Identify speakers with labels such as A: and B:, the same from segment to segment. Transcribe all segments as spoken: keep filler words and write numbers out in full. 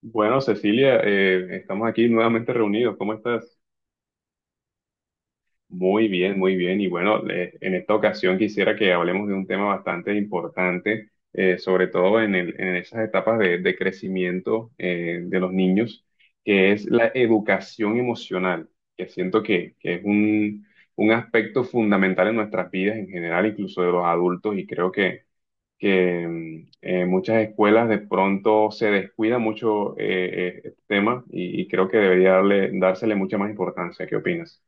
A: Bueno, Cecilia, eh, estamos aquí nuevamente reunidos. ¿Cómo estás? Muy bien, muy bien. Y bueno, le- en esta ocasión quisiera que hablemos de un tema bastante importante, eh, sobre todo en el- en esas etapas de, de crecimiento eh, de los niños, que es la educación emocional, que siento que, que es un, un aspecto fundamental en nuestras vidas en general, incluso de los adultos, y creo que que mm, eh, muchas escuelas de pronto se descuida mucho eh, eh, este tema y, y creo que debería darle, dársele mucha más importancia. ¿Qué opinas?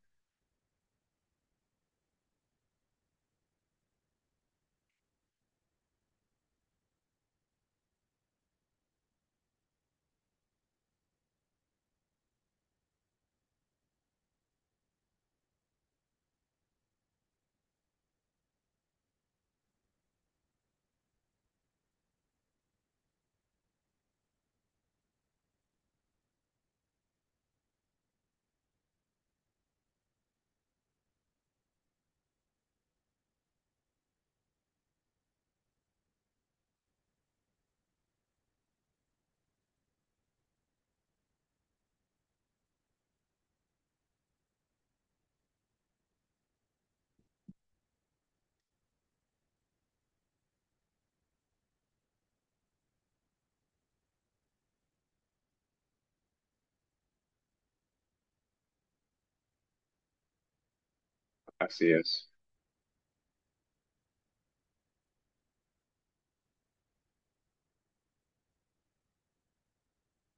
A: Así es.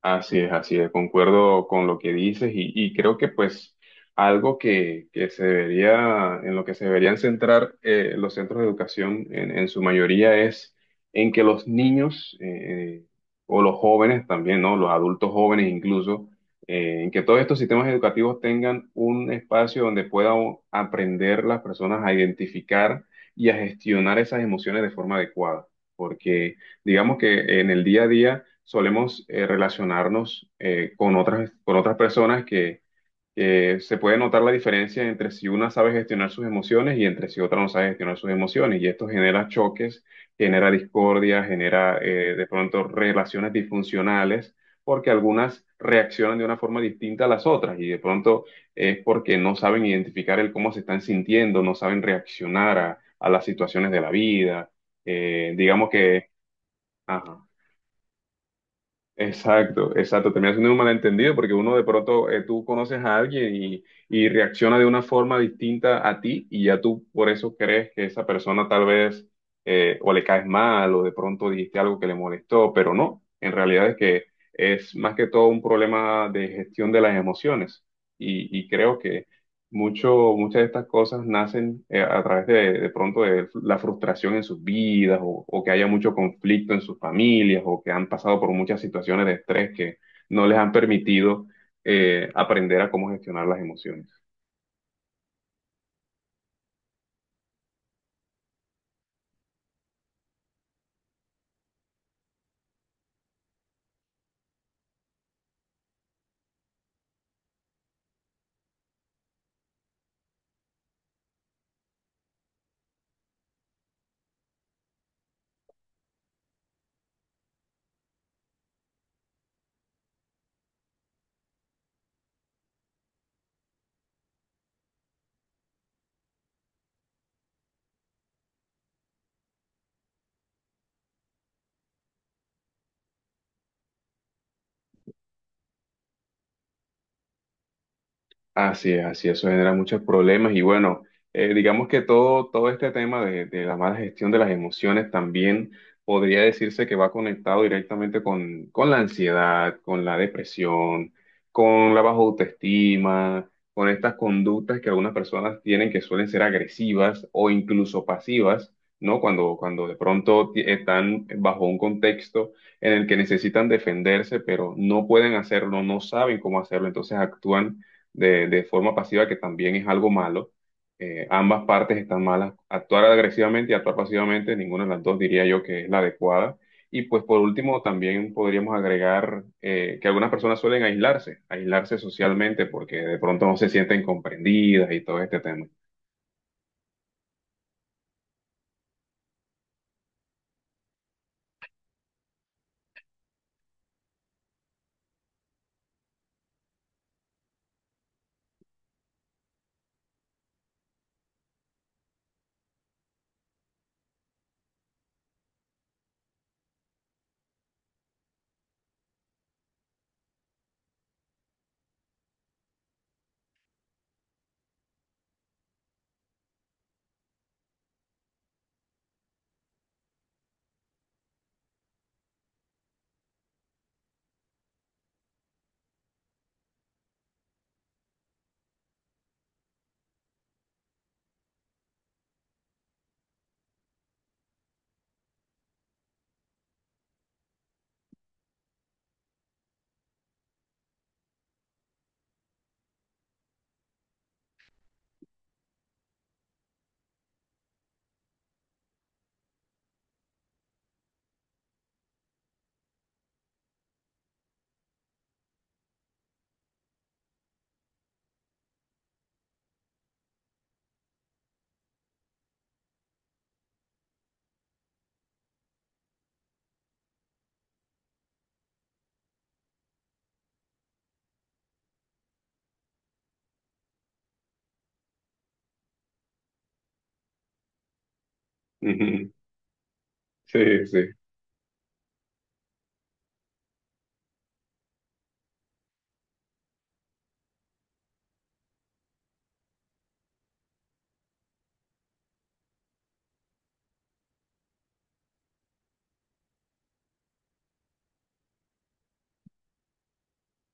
A: Así es, así es, concuerdo con lo que dices y, y creo que pues algo que, que se debería, en lo que se deberían centrar eh, los centros de educación en, en su mayoría es en que los niños eh, o los jóvenes también, ¿no? Los adultos jóvenes incluso, eh, en que todos estos sistemas educativos tengan un espacio donde puedan aprender las personas a identificar y a gestionar esas emociones de forma adecuada, porque digamos que en el día a día solemos eh, relacionarnos eh, con otras, con otras personas que, que se puede notar la diferencia entre si una sabe gestionar sus emociones y entre si otra no sabe gestionar sus emociones. Y esto genera choques, genera discordia, genera eh, de pronto relaciones disfuncionales, porque algunas reaccionan de una forma distinta a las otras y de pronto es porque no saben identificar el cómo se están sintiendo, no saben reaccionar a, a las situaciones de la vida. Eh, digamos que... Ajá. Exacto, exacto. Termina siendo un malentendido porque uno de pronto eh, tú conoces a alguien y, y reacciona de una forma distinta a ti y ya tú por eso crees que esa persona tal vez eh, o le caes mal o de pronto dijiste algo que le molestó, pero no, en realidad es que es más que todo un problema de gestión de las emociones y, y creo mucho, muchas de estas cosas nacen eh, a través de, de pronto de la frustración en sus vidas o, o que haya mucho conflicto en sus familias o que han pasado por muchas situaciones de estrés que no les han permitido eh, aprender a cómo gestionar las emociones. Así es, así es, eso genera muchos problemas y bueno, eh, digamos que todo, todo este tema de, de la mala gestión de las emociones también podría decirse que va conectado directamente con, con la ansiedad, con la depresión, con la baja autoestima, con estas conductas que algunas personas tienen que suelen ser agresivas o incluso pasivas, ¿no? Cuando, cuando de pronto ti- están bajo un contexto en el que necesitan defenderse, pero no pueden hacerlo, no saben cómo hacerlo, entonces actúan de, de forma pasiva, que también es algo malo. Eh, ambas partes están malas. Actuar agresivamente y actuar pasivamente, ninguna de las dos diría yo que es la adecuada. Y pues por último, también podríamos agregar eh, que algunas personas suelen aislarse, aislarse socialmente porque de pronto no se sienten comprendidas y todo este tema. Sí, sí,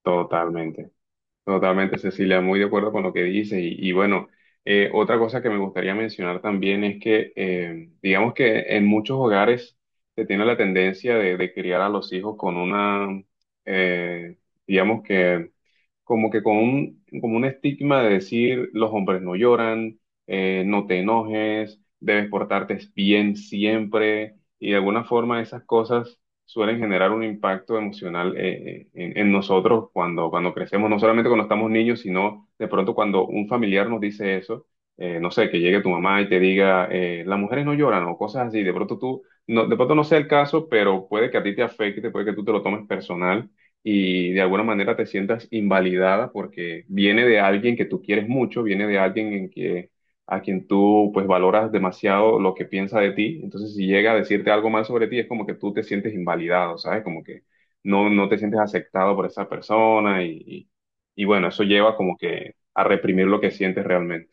A: totalmente. Totalmente, Cecilia, muy de acuerdo con lo que dices. Y, y bueno, eh, otra cosa que me gustaría mencionar también es que, eh, digamos que en muchos hogares se tiene la tendencia de, de criar a los hijos con una, eh, digamos que como que con un, como un estigma de decir los hombres no lloran, eh, no te enojes, debes portarte bien siempre, y de alguna forma esas cosas suelen generar un impacto emocional eh, eh, en, en, nosotros cuando, cuando crecemos, no solamente cuando estamos niños, sino de pronto cuando un familiar nos dice eso, eh, no sé, que llegue tu mamá y te diga, eh, las mujeres no lloran o cosas así, de pronto tú, no, de pronto no sea el caso, pero puede que a ti te afecte, puede que tú te lo tomes personal y de alguna manera te sientas invalidada porque viene de alguien que tú quieres mucho, viene de alguien en que, a quien tú pues valoras demasiado lo que piensa de ti. Entonces, si llega a decirte algo mal sobre ti, es como que tú te sientes invalidado, ¿sabes? Como que no, no te sientes aceptado por esa persona y, y, y, bueno, eso lleva como que a reprimir lo que sientes realmente.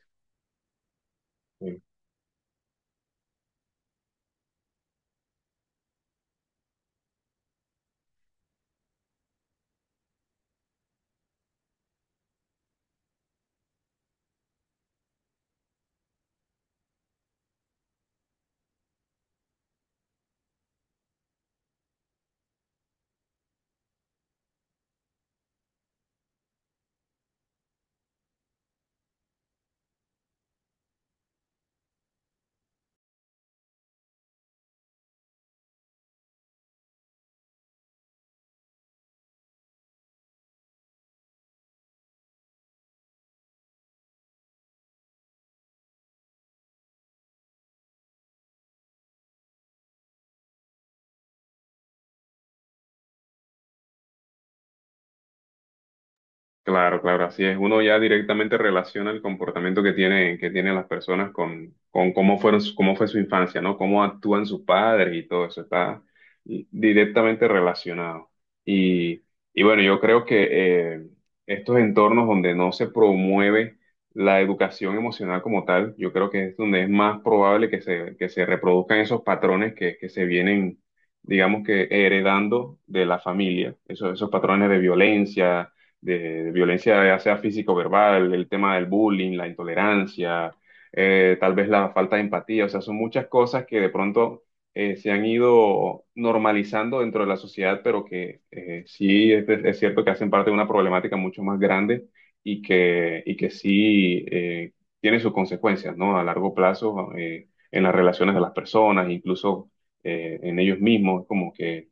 A: Claro, claro, así es. Uno ya directamente relaciona el comportamiento que tiene, que tienen las personas con, con cómo fueron, su- cómo fue su infancia, ¿no? Cómo actúan sus padres y todo eso está directamente relacionado. Y, y bueno, yo creo que eh, estos entornos donde no se promueve la educación emocional como tal, yo creo que es donde es más probable que se, que se reproduzcan esos patrones que, que se vienen, digamos que heredando de la familia, esos, esos patrones de violencia de violencia, ya sea física o verbal, el tema del bullying, la intolerancia, eh, tal vez la falta de empatía, o sea, son muchas cosas que de pronto eh, se han ido normalizando dentro de la sociedad, pero que eh, sí es, es cierto que hacen parte de una problemática mucho más grande y que, y que sí eh, tiene sus consecuencias, ¿no? A largo plazo, eh, en las relaciones de las personas, incluso eh, en ellos mismos, como que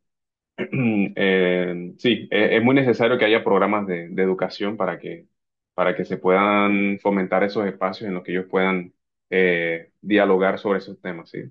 A: Mm, Eh, sí, e- es muy necesario que haya programas de, de educación para que, para que se puedan fomentar esos espacios en los que ellos puedan eh, dialogar sobre esos temas, ¿sí?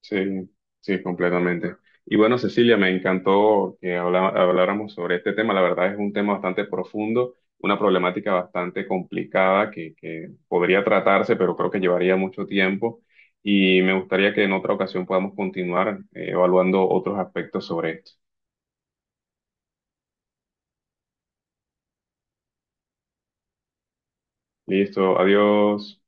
A: Sí, sí, completamente. Y bueno, Cecilia, me encantó que habla- habláramos sobre este tema. La verdad es un tema bastante profundo, una problemática bastante complicada que, que podría tratarse, pero creo que llevaría mucho tiempo. Y me gustaría que en otra ocasión podamos continuar eh, evaluando otros aspectos sobre esto. Listo, adiós.